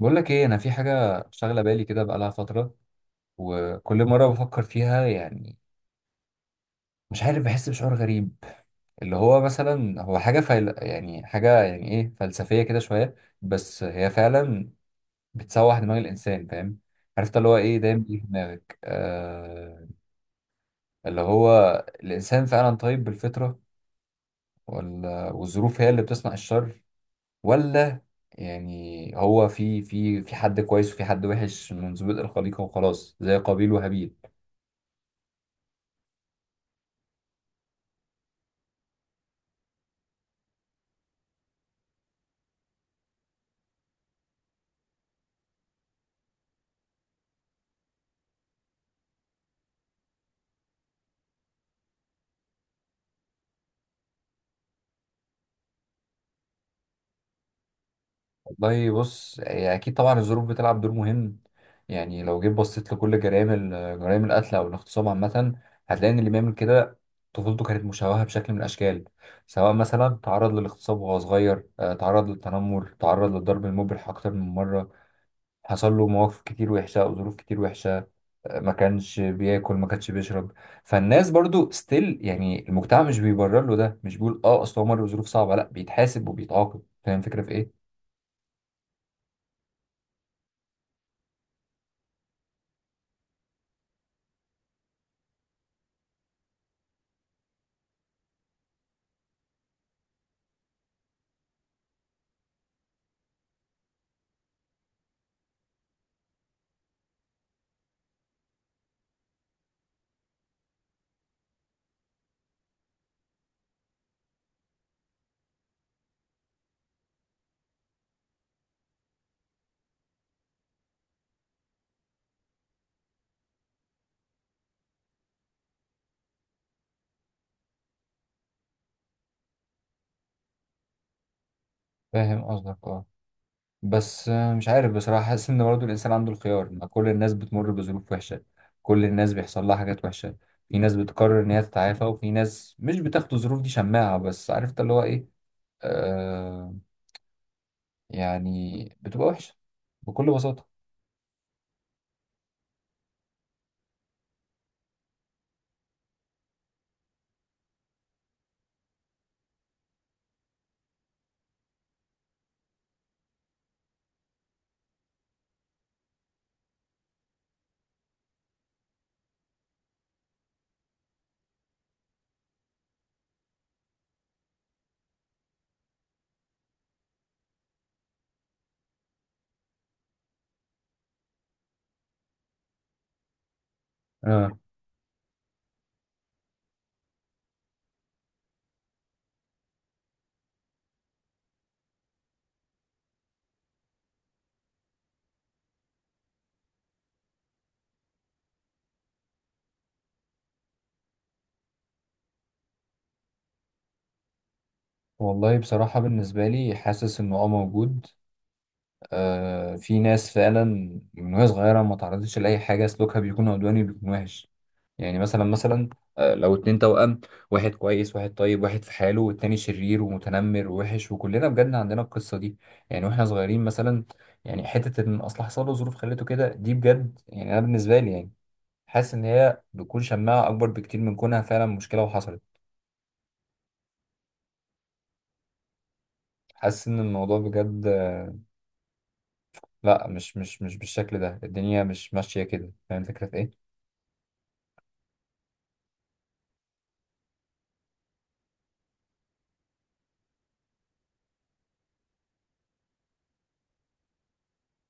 بقول لك ايه، انا في حاجه شاغله بالي كده بقالها فتره، وكل مره بفكر فيها. يعني مش عارف، بحس بشعور غريب. اللي هو مثلا هو حاجه يعني حاجه، يعني ايه، فلسفيه كده شويه، بس هي فعلا بتسوح دماغ الانسان، فاهم؟ عرفت اللي هو ايه دايما بيجي في دماغك؟ اللي هو الانسان فعلا طيب بالفطره، ولا والظروف هي اللي بتصنع الشر؟ ولا يعني هو في حد كويس وفي حد وحش من ظروف الخليقه وخلاص، زي قابيل وهابيل؟ والله بص، هي اكيد طبعا الظروف بتلعب دور مهم. يعني لو جيت بصيت لكل جرائم القتل او الاغتصاب عامه، هتلاقي ان اللي بيعمل كده طفولته كانت مشوهه بشكل من الاشكال. سواء مثلا تعرض للاغتصاب وهو صغير، تعرض للتنمر، تعرض للضرب المبرح اكتر من مره، حصل له مواقف كتير وحشه او ظروف كتير وحشه، ما كانش بياكل، ما كانش بيشرب. فالناس برضو ستيل، يعني المجتمع مش بيبرر له ده، مش بيقول اه اصل هو مر بظروف صعبه، لا، بيتحاسب وبيتعاقب. فاهم الفكره في ايه؟ فاهم قصدك، اه. بس مش عارف بصراحة، حاسس إن برضه الإنسان عنده الخيار. ما كل الناس بتمر بظروف وحشة، كل الناس بيحصل لها حاجات وحشة. في ناس بتقرر إن هي تتعافى، وفي ناس مش بتاخد الظروف دي شماعة. بس عرفت اللي هو إيه، آه، يعني بتبقى وحشة بكل بساطة. آه. والله بصراحة بالنسبة لي حاسس إنه أه موجود. آه، في ناس فعلا من وهي صغيرة ما تعرضتش لأي حاجة، سلوكها بيكون عدواني، بيكون وحش. يعني مثلا، لو اتنين توأم، واحد كويس واحد طيب واحد في حاله، والتاني شرير ومتنمر ووحش. وكلنا بجد عندنا القصة دي، يعني واحنا صغيرين مثلا. يعني حتة ان اصل حصل له ظروف خليته كده دي، بجد يعني انا بالنسبة لي، يعني حاسس ان هي بتكون شماعة اكبر بكتير من كونها فعلا مشكلة وحصلت. حاسس ان الموضوع بجد، لا، مش بالشكل ده، الدنيا مش ماشية كده. فاهم الفكرة في ايه؟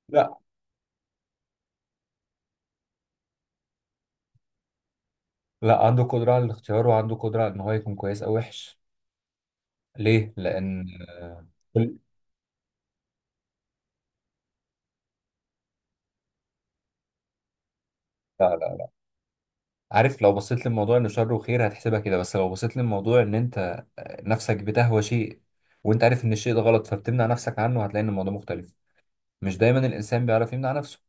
لا، لا، عنده قدرة على الاختيار، وعنده قدرة على ان هو يكون كويس او وحش. ليه؟ لان كل لا، عارف، لو بصيت للموضوع انه شر وخير هتحسبها كده، بس لو بصيت للموضوع ان انت نفسك بتهوى شيء، وانت عارف ان الشيء ده غلط، فبتمنع نفسك عنه، هتلاقي ان الموضوع مختلف. مش دايما الانسان بيعرف يمنع نفسه،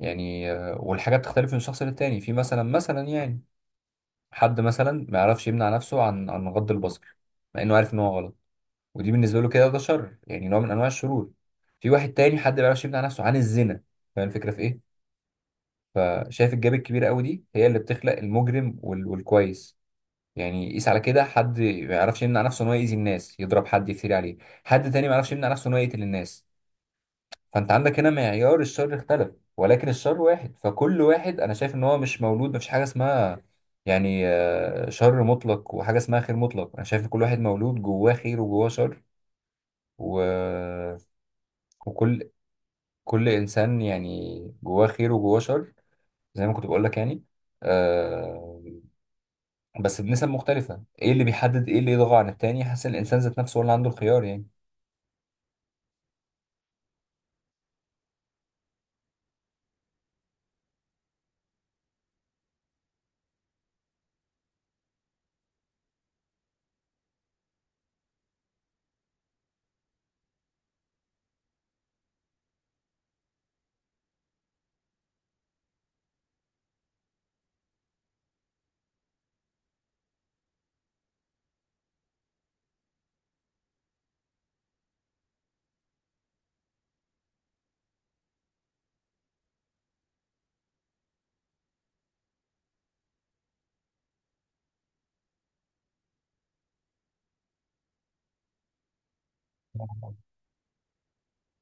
يعني والحاجات بتختلف من شخص للتاني. في مثلا يعني حد مثلا ما يعرفش يمنع نفسه عن غض البصر، مع انه عارف ان هو غلط، ودي بالنسبه له كده ده شر، يعني نوع من انواع الشرور. في واحد تاني حد ما يعرفش يمنع نفسه عن الزنا. فاهم الفكره في ايه؟ فشايف الجاب الكبيره قوي دي هي اللي بتخلق المجرم والكويس. يعني قيس على كده، حد ما يعرفش يمنع نفسه ان هو يأذي الناس، يضرب حد، يفتري عليه. حد تاني ما يعرفش يمنع نفسه ان هو يقتل الناس. فانت عندك هنا معيار الشر اختلف، ولكن الشر واحد. فكل واحد انا شايف ان هو مش مولود، مفيش حاجه اسمها يعني شر مطلق وحاجه اسمها خير مطلق. انا شايف ان كل واحد مولود جواه خير وجواه شر. و... وكل كل انسان يعني جواه خير وجواه شر، زي ما كنت بقول لك. يعني آه، بس بنسب مختلفة. ايه اللي بيحدد ايه اللي يضغى عن التاني؟ حاسس إن الانسان ذات نفسه هو اللي عنده الخيار، يعني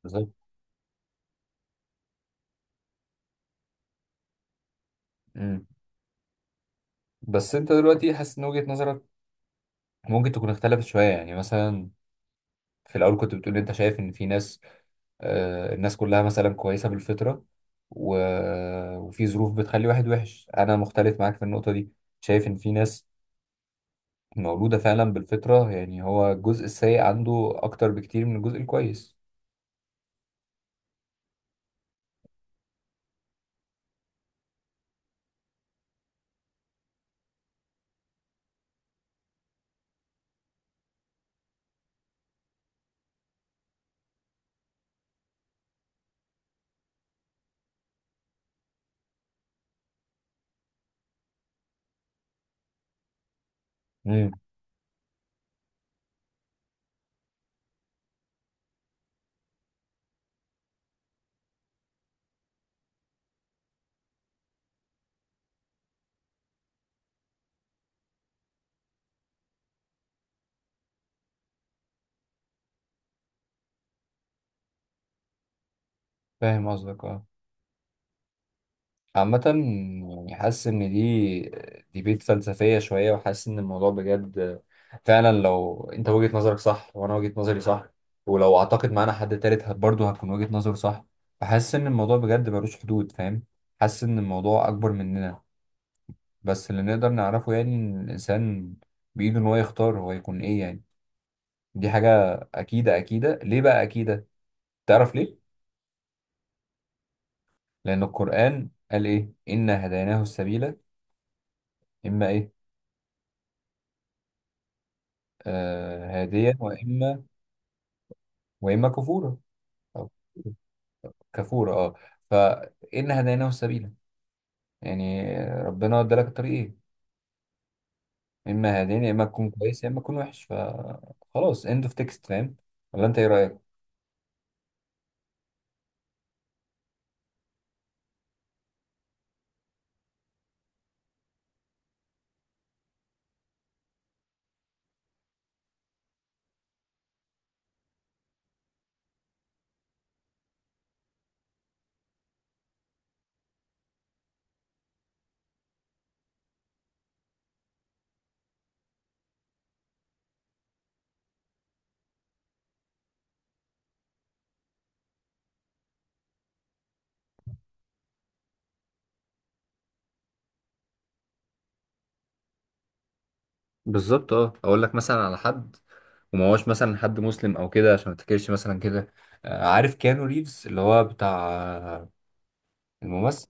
بالظبط. امم بس انت دلوقتي حاسس ان وجهة نظرك ممكن تكون اختلفت شوية؟ يعني مثلا في الاول كنت بتقول انت شايف ان في ناس، آه، الناس كلها مثلا كويسة بالفطرة، و... وفي ظروف بتخلي واحد وحش. انا مختلف معاك في النقطة دي، شايف ان في ناس مولودة فعلا بالفطرة، يعني هو الجزء السيء عنده اكتر بكتير من الجزء الكويس. امم، فاهم قصدك اه. عامة يعني حاسس إن دي ديبيت فلسفية شوية، وحاسس إن الموضوع بجد فعلا. لو أنت وجهة نظرك صح وأنا وجهة نظري صح، ولو أعتقد معانا حد تالت برضه هتكون وجهة نظره صح. فحاسس إن الموضوع بجد ملوش حدود، فاهم؟ حاسس إن الموضوع أكبر مننا. بس اللي نقدر نعرفه يعني إن الإنسان بإيده إن هو يختار هو يكون إيه، يعني دي حاجة أكيدة. أكيدة ليه بقى؟ أكيدة تعرف ليه؟ لأن القرآن قال إيه؟ إنا هديناه السبيل، إما إيه؟ آه، هادية، وإما، كفورة، أو كفورة أه. فإن هديناه السبيل، يعني ربنا ادالك الطريقين، إما هادين، يا إما تكون كويس يا إما تكون وحش، فخلاص إند أوف تكست، فاهم؟ ولا أنت إيه رأيك؟ بالظبط، اه. اقول لك مثلا على حد، وما هوش مثلا حد مسلم او كده عشان ما تفتكرش مثلا كده. عارف كيانو ريفز اللي هو بتاع، آه، الممثل،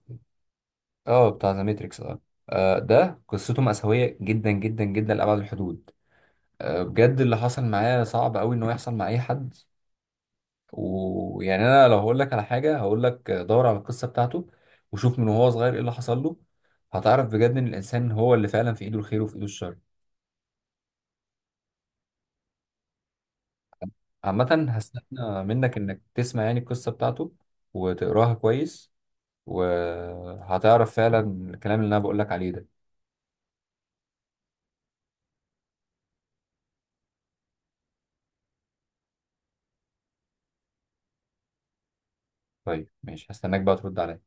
اه بتاع ذا ماتريكس، اه. ده قصته مأساوية جدا جدا جدا لأبعد الحدود. بجد اللي حصل معايا صعب قوي انه يحصل مع اي حد. ويعني انا لو هقول لك على حاجه، هقول لك دور على القصه بتاعته، وشوف من وهو صغير ايه اللي حصل له، هتعرف بجد ان الانسان هو اللي فعلا في ايده الخير وفي ايده الشر. عامه هستنى منك انك تسمع يعني القصه بتاعته، وتقراها كويس، وهتعرف فعلا الكلام اللي انا بقول لك عليه ده. طيب ماشي، هستناك بقى ترد عليا.